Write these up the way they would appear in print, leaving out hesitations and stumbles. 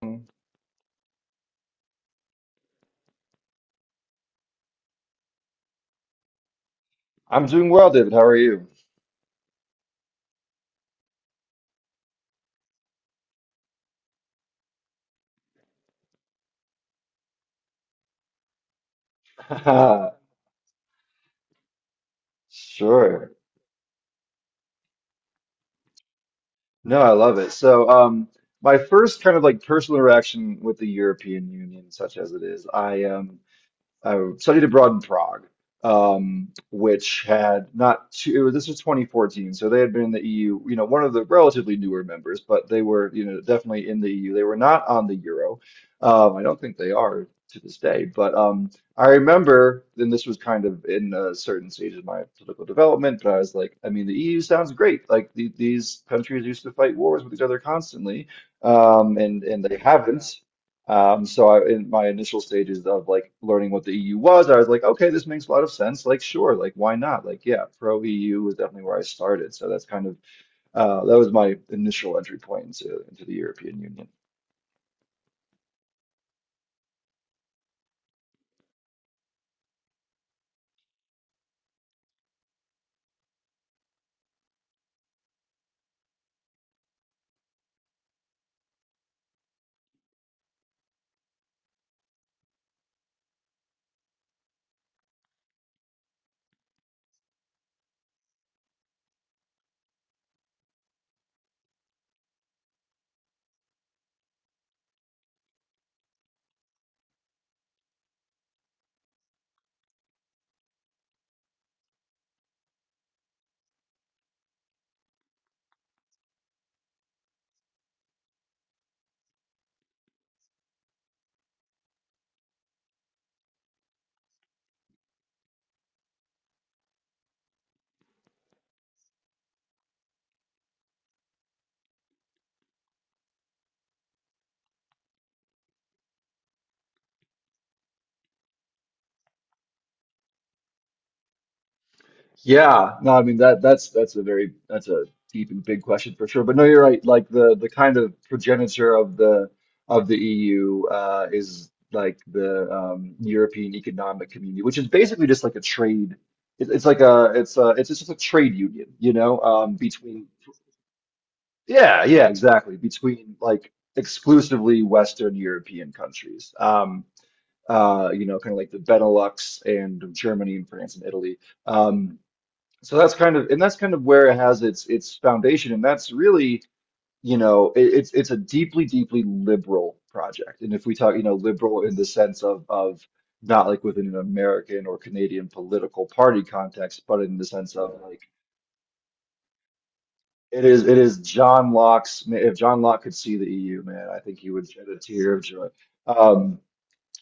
I'm doing well, David. How are you? Sure. No, I love it. My first kind of like personal interaction with the European Union, such as it is, I I studied abroad in Prague, which had not too, this was 2014, so they had been in the EU, you know, one of the relatively newer members, but they were, you know, definitely in the EU. They were not on the euro. I don't think they are to this day, but I remember, and this was kind of in a certain stage of my political development, but I was like, I mean, the EU sounds great. Like the, these countries used to fight wars with each other constantly, and they haven't. So I, in my initial stages of like learning what the EU was, I was like, okay, this makes a lot of sense. Like, sure, like why not? Like, yeah, pro EU was definitely where I started. So that's kind of that was my initial entry point into the European Union. Yeah, no, I mean that's a very that's a deep and big question for sure. But no, you're right. Like the kind of progenitor of the EU is like the European Economic Community, which is basically just like a trade. It's like a it's just a trade union, you know, between yeah exactly between like exclusively Western European countries. You know, kind of like the Benelux and Germany and France and Italy. Um, so that's kind of, and that's kind of where it has its foundation, and that's really, you know, it's a deeply, deeply liberal project. And if we talk, you know, liberal in the sense of not like within an American or Canadian political party context, but in the sense of like it is John Locke's. If John Locke could see the EU, man, I think he would shed a tear of joy. Um,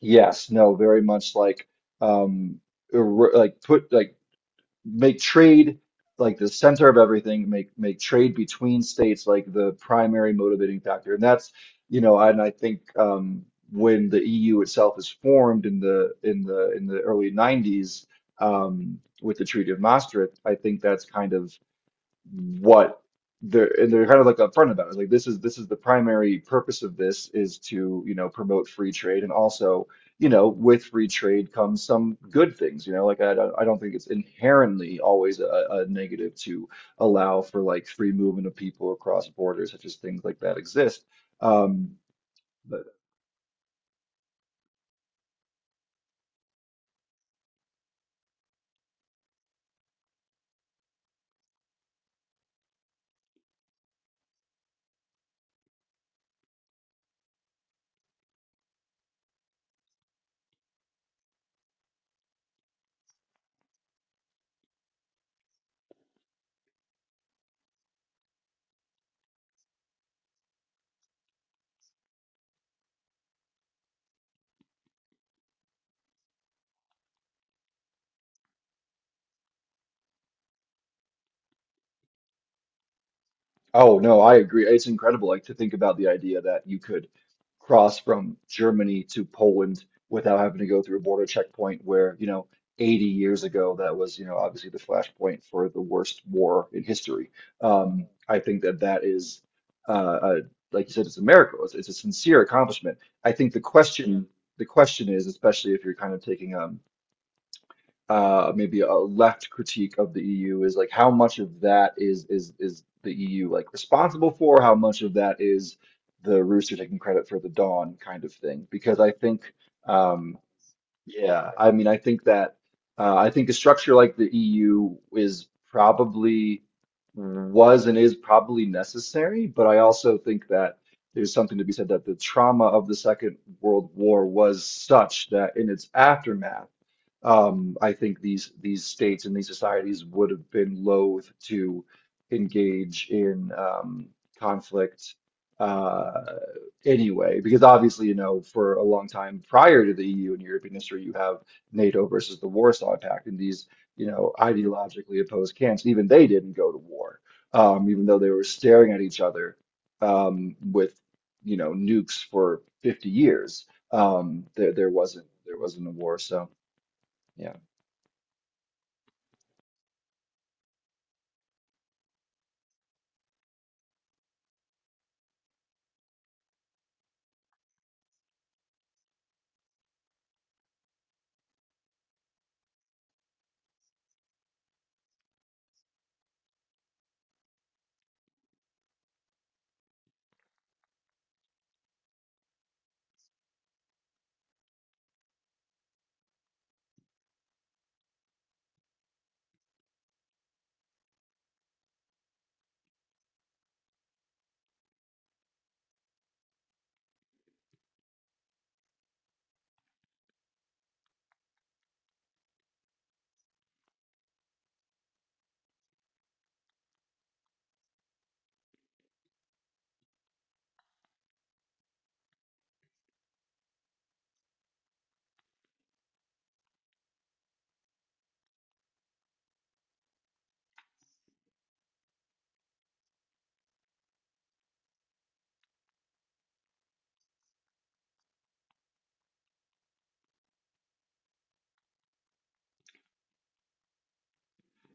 yes, no, very much um, like put like make trade like the center of everything, make trade between states like the primary motivating factor. And that's, you know, and I think when the EU itself is formed in the in the early 90s with the Treaty of Maastricht, I think that's kind of what they're kind of like upfront about it. Like this is the primary purpose of this is to, you know, promote free trade and also, you know, with free trade comes some good things, you know, like I don't think it's inherently always a negative to allow for like free movement of people across borders, such as things like that exist. Um, but oh no, I agree. It's incredible, like to think about the idea that you could cross from Germany to Poland without having to go through a border checkpoint where, you know, 80 years ago that was, you know, obviously the flashpoint for the worst war in history. I think that that is, uh, uh, like you said, it's a miracle. It's a sincere accomplishment. I think the question is, especially if you're kind of taking maybe a left critique of the EU is like how much of that is the EU like responsible for? How much of that is the rooster taking credit for the dawn kind of thing? Because I think, um, yeah, I mean, I think that I think a structure like the EU is probably was and is probably necessary, but I also think that there's something to be said that the trauma of the Second World War was such that in its aftermath I think these states and these societies would have been loath to engage in conflict uh, anyway, because obviously, you know, for a long time prior to the EU and European history, you have NATO versus the Warsaw Pact, and these, you know, ideologically opposed camps, even they didn't go to war, even though they were staring at each other with, you know, nukes for 50 years. There, there wasn't a war, so. Yeah.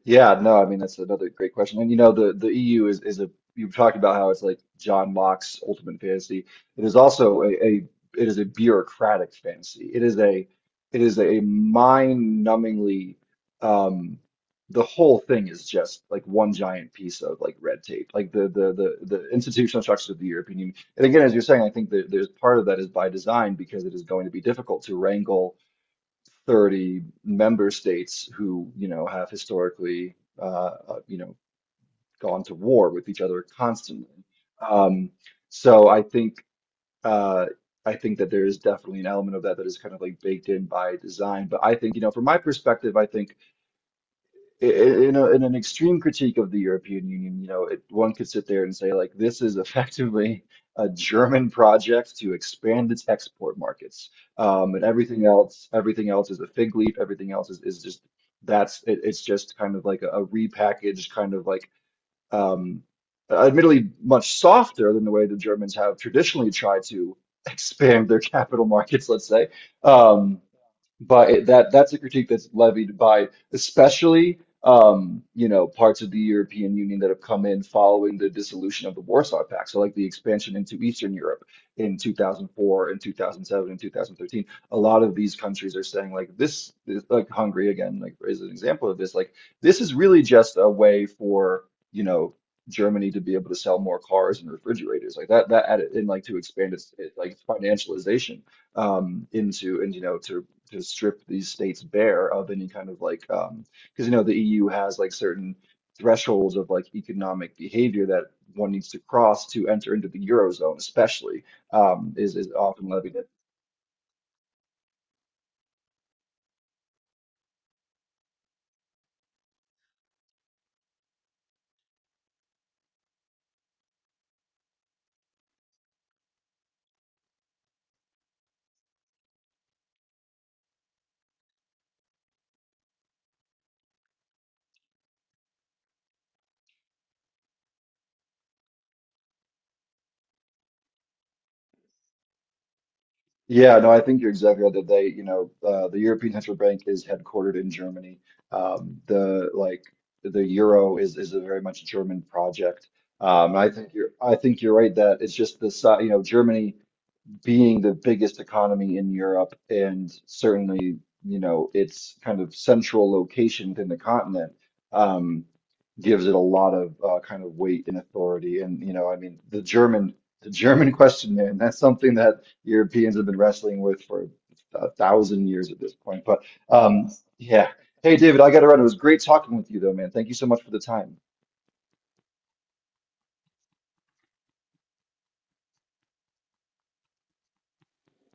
Yeah, no, I mean that's another great question. And you know, the EU is a you've talked about how it's like John Locke's ultimate fantasy. It is also a it is a bureaucratic fantasy. It is a mind-numbingly um the whole thing is just like one giant piece of like red tape. Like the institutional structure of the European Union. And again, as you're saying, I think that there's part of that is by design because it is going to be difficult to wrangle 30-member states who, you know, have historically, you know, gone to war with each other constantly. Um, so uh, I think that there is definitely an element of that that is kind of like baked in by design. But I think, you know, from my perspective, I think in in an extreme critique of the European Union, you know, one could sit there and say, like, this is effectively a German project to expand its export markets, and everything else is a fig leaf. Everything else is just that's it, it's just kind of like a repackaged kind of like, um, admittedly much softer than the way the Germans have traditionally tried to expand their capital markets, let's say. Um, that that's a critique that's levied by especially you know parts of the European Union that have come in following the dissolution of the Warsaw Pact. So like the expansion into Eastern Europe in 2004 and 2007 and 2013. A lot of these countries are saying like like Hungary again, like is an example of this. Like this is really just a way for you know. Germany to be able to sell more cars and refrigerators like that added and like to expand like financialization into and you know to strip these states bare of any kind of like because you know the EU has like certain thresholds of like economic behavior that one needs to cross to enter into the Eurozone, especially is often levied at. Yeah, no, I think you're exactly right that they, you know, the European Central Bank is headquartered in Germany. Um, the like the euro is a very much German project. I think you're right that it's just the you know Germany. Being the biggest economy in Europe and certainly, you know, its kind of central location within the continent um, gives it a lot of kind of weight and authority. And, you know, I mean, the German question, man, that's something that Europeans have been wrestling with for 1,000 years at this point. But um, yeah. Hey, David, I got to run. It was great talking with you, though, man. Thank you so much for the time.